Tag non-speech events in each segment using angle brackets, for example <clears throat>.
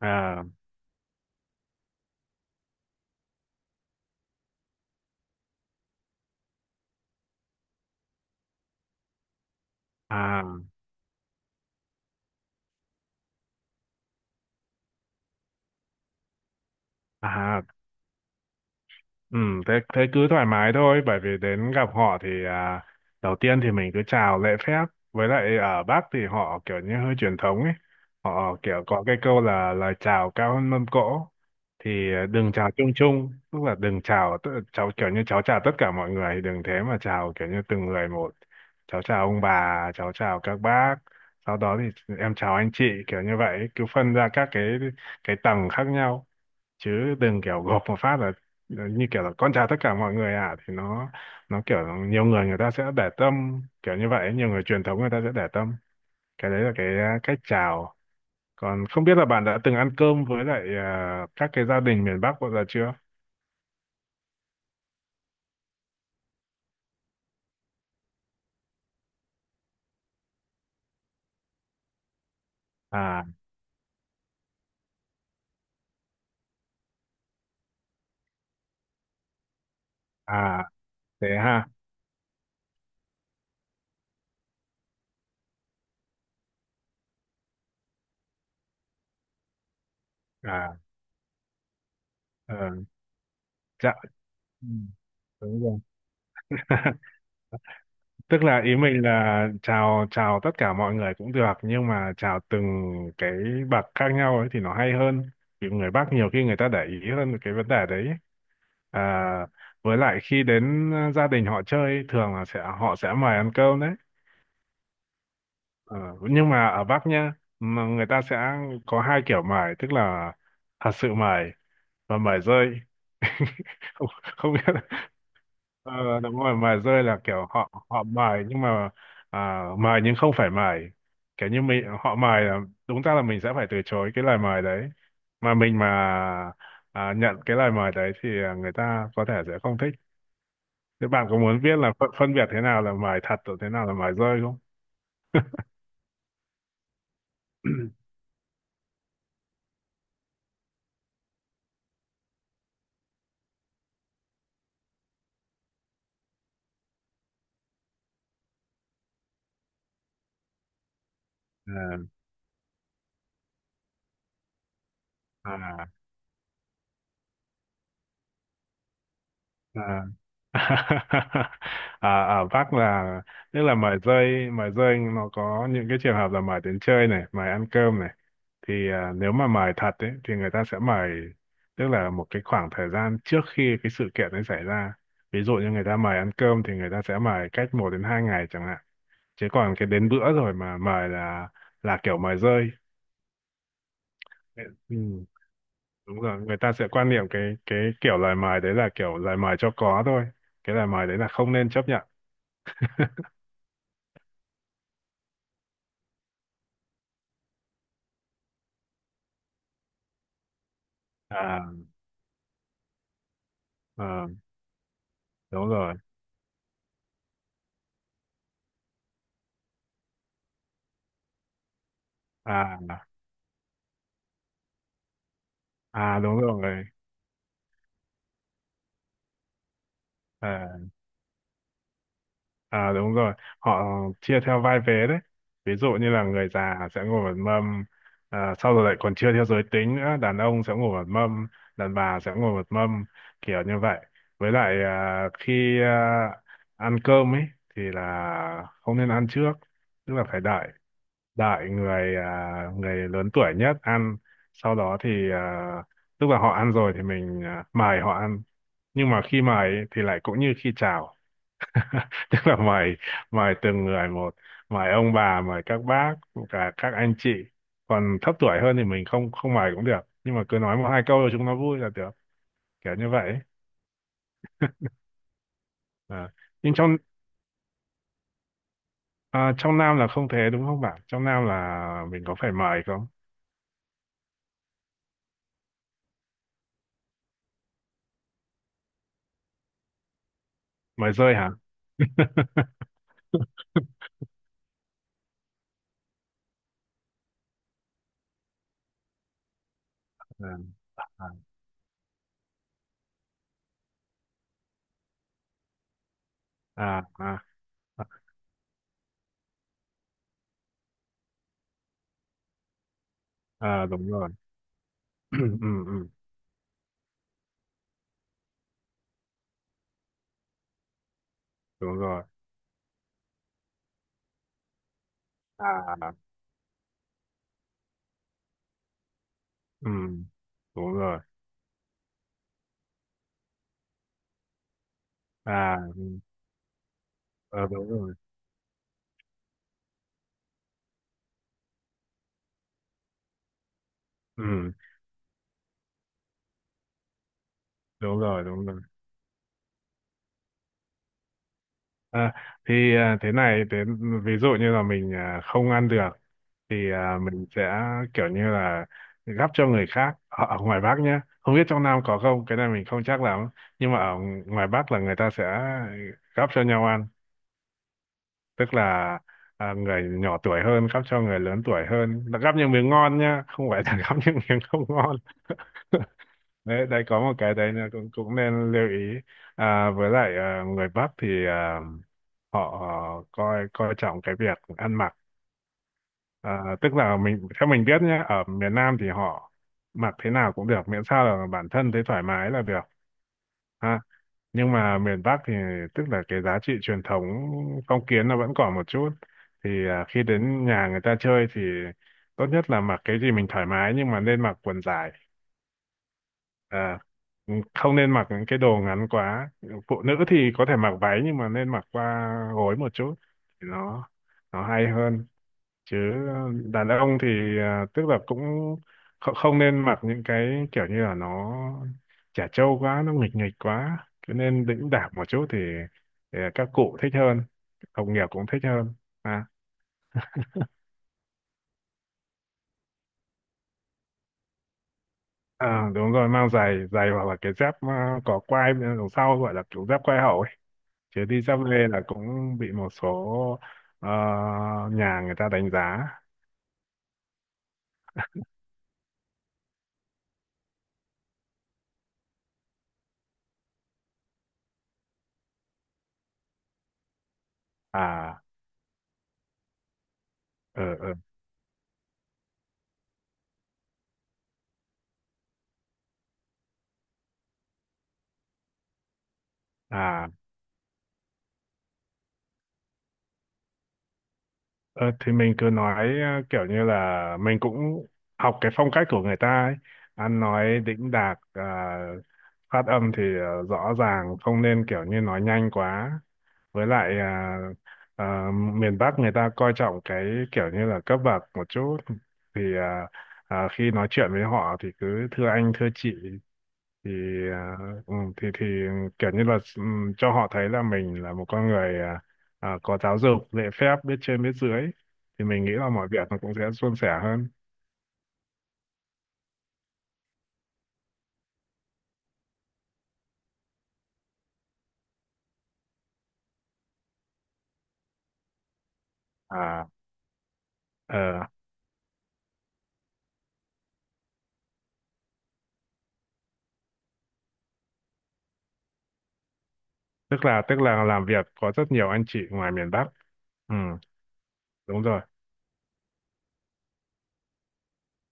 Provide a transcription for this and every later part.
à à à ừ thế thế cứ thoải mái thôi, bởi vì đến gặp họ thì đầu tiên thì mình cứ chào lễ phép. Với lại ở Bắc thì họ kiểu như hơi truyền thống ấy, họ kiểu có cái câu là lời chào cao hơn mâm cỗ, thì đừng chào chung chung, tức là đừng chào cháu kiểu như cháu chào tất cả mọi người, đừng thế mà chào kiểu như từng người một. Cháu chào ông bà, cháu chào các bác, sau đó thì em chào anh chị, kiểu như vậy, cứ phân ra các cái tầng khác nhau, chứ đừng kiểu gộp một phát là như kiểu là con chào tất cả mọi người à, thì nó kiểu nhiều người người ta sẽ để tâm kiểu như vậy, nhiều người truyền thống người ta sẽ để tâm cái đấy, là cái cách chào. Còn không biết là bạn đã từng ăn cơm với lại các gia đình miền Bắc bao giờ chưa? à à Thế ha? à ờ dạ. Ừ, đúng rồi. <laughs> Tức là ý mình là chào chào tất cả mọi người cũng được, nhưng mà chào từng cái bậc khác nhau ấy thì nó hay hơn, vì người Bắc nhiều khi người ta để ý hơn cái vấn đề đấy. à, với lại khi đến gia đình họ chơi ấy, thường là sẽ họ sẽ mời ăn cơm đấy. Ờ, nhưng mà ở Bắc nhá, mà người ta sẽ có hai kiểu mời, tức là thật sự mời, và mời rơi. <laughs> Không, không biết. Ờ, đúng rồi, mài rơi là kiểu họ họ mài nhưng mà mài nhưng không phải mài, kiểu như mình họ mài là đúng ra là mình sẽ phải từ chối cái lời mời đấy, mà mình mà nhận cái lời mời đấy thì người ta có thể sẽ không thích. Thế bạn có muốn biết là phân biệt thế nào là mài thật và thế nào là mài rơi không? <clears throat> à, à à <laughs> à, à vác là tức là mời rơi, mời rơi nó có những cái trường hợp là mời đến chơi này, mời ăn cơm này, thì nếu mà mời thật ấy thì người ta sẽ mời tức là một cái khoảng thời gian trước khi cái sự kiện ấy xảy ra. Ví dụ như người ta mời ăn cơm thì người ta sẽ mời cách một đến hai ngày chẳng hạn, chứ còn cái đến bữa rồi mà mời là kiểu mời rơi. Ừ, đúng rồi, người ta sẽ quan niệm cái kiểu lời mời đấy là kiểu lời mời cho có thôi, cái lời mời đấy là không nên chấp nhận. à ờ, Đúng rồi. à Đúng rồi. à, Đúng rồi, họ chia theo vai vế đấy. Ví dụ như là người già sẽ ngồi một mâm, sau rồi lại còn chia theo giới tính nữa, đàn ông sẽ ngồi một mâm, đàn bà sẽ ngồi một mâm, kiểu như vậy. Với lại khi ăn cơm ấy thì là không nên ăn trước, tức là phải đợi, đợi người lớn tuổi nhất ăn, sau đó thì lúc mà họ ăn rồi thì mình mời họ ăn. Nhưng mà khi mời ấy, thì lại cũng như khi chào, <laughs> tức là mời mời từng người một, mời ông bà, mời các bác, cả các anh chị, còn thấp tuổi hơn thì mình không không mời cũng được, nhưng mà cứ nói một hai câu rồi chúng nó vui là được, kiểu như vậy. à. Nhưng trong Nam là không thế đúng không bạn, trong Nam là mình có phải mời không? Mời rơi hả? <laughs> à. à à Đúng rồi. <clears throat> ừ, ừ, Đúng rồi. à ừ, Đúng rồi. à ừ, ờ, Đúng rồi. Ừ, đúng rồi. à, thì thế này, thế ví dụ như là mình không ăn được thì mình sẽ kiểu như là gắp cho người khác ở, ở ngoài Bắc nhé, không biết trong Nam có không, cái này mình không chắc lắm, nhưng mà ở ngoài Bắc là người ta sẽ gắp cho nhau ăn, tức là người nhỏ tuổi hơn gắp cho người lớn tuổi hơn. Là gắp những miếng ngon nhá, không phải là <laughs> gắp những miếng không ngon. <laughs> Đấy, đây có một cái đấy là cũng cũng nên lưu ý. Với lại người Bắc thì họ coi coi trọng cái việc ăn mặc, tức là mình theo mình biết nhé, ở miền Nam thì họ mặc thế nào cũng được miễn sao là bản thân thấy thoải mái là được, ha. Nhưng mà miền Bắc thì tức là cái giá trị truyền thống phong kiến nó vẫn còn một chút, thì khi đến nhà người ta chơi thì tốt nhất là mặc cái gì mình thoải mái, nhưng mà nên mặc quần dài. à, Không nên mặc những cái đồ ngắn quá, phụ nữ thì có thể mặc váy nhưng mà nên mặc qua gối một chút thì nó hay hơn. Chứ đàn ông thì tức là cũng không nên mặc những cái kiểu như là nó chả trâu quá, nó nghịch nghịch quá, cứ nên đĩnh đạc một chút thì các cụ thích hơn, đồng nghiệp cũng thích hơn. à, à, Đúng rồi, mang giày, giày hoặc là cái dép có quai bên đằng sau gọi là kiểu dép quai hậu ấy, chứ đi dép lê là cũng bị một số ờ, nhà người ta đánh giá. à ừ, ừ. à Ờ, thì mình cứ nói kiểu như là mình cũng học cái phong cách của người ta ấy. Ăn nói đĩnh đạc, phát âm thì rõ ràng, không nên kiểu như nói nhanh quá. Với lại miền Bắc người ta coi trọng cái kiểu như là cấp bậc một chút, thì khi nói chuyện với họ thì cứ thưa anh thưa chị, thì à, ừ, thì thì kiểu như là, ừ, cho họ thấy là mình là một con người có giáo dục, lễ phép, biết trên biết dưới, thì mình nghĩ là mọi việc nó cũng sẽ suôn sẻ hơn. à ờ, Tức là làm việc có rất nhiều anh chị ngoài miền Bắc. Ừ, đúng rồi.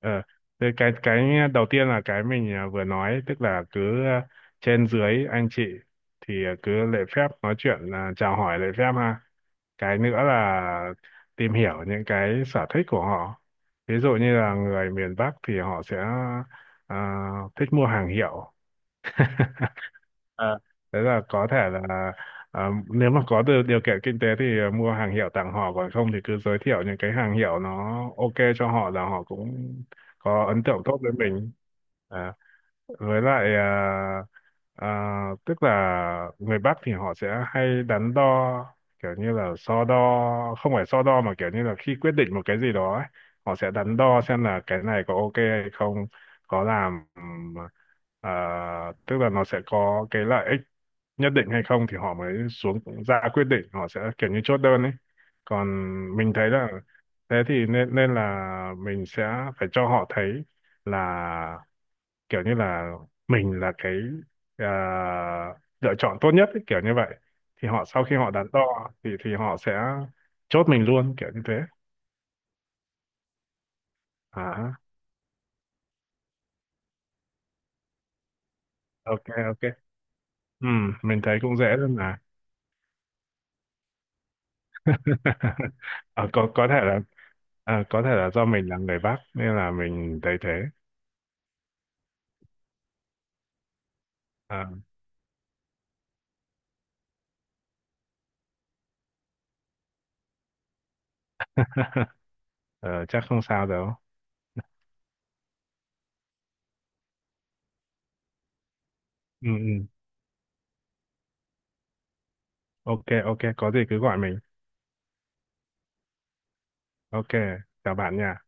Ờ, thế cái đầu tiên là cái mình vừa nói, tức là cứ trên dưới anh chị, thì cứ lễ phép nói chuyện, chào hỏi lễ phép, ha. Cái nữa là tìm hiểu những cái sở thích của họ. Ví dụ như là người miền Bắc thì họ sẽ à, thích mua hàng hiệu. <laughs> Thế là có thể là nếu mà có được điều kiện kinh tế thì mua hàng hiệu tặng họ, còn không thì cứ giới thiệu những cái hàng hiệu nó ok cho họ, là họ cũng có ấn tượng tốt với mình. À, với lại à, tức là người Bắc thì họ sẽ hay đắn đo, kiểu như là so đo không phải so đo mà kiểu như là khi quyết định một cái gì đó ấy, họ sẽ đắn đo xem là cái này có ok hay không, có làm tức là nó sẽ có cái lợi ích nhất định hay không, thì họ mới ra quyết định, họ sẽ kiểu như chốt đơn ấy. Còn mình thấy là thế thì nên nên là mình sẽ phải cho họ thấy là kiểu như là mình là cái à, lựa chọn tốt nhất ấy, kiểu như vậy, thì họ sau khi họ đắn đo thì họ sẽ chốt mình luôn, kiểu như thế. à ok, ok. Ừ, mình thấy cũng dễ luôn mà. <laughs> Ờ, có thể là có thể là do mình là người Bắc nên là mình thấy thế. À. <laughs> Ờ, chắc không sao đâu. Ừ, ừ. Ok, ok, có gì cứ gọi mình. Ok, chào bạn nha.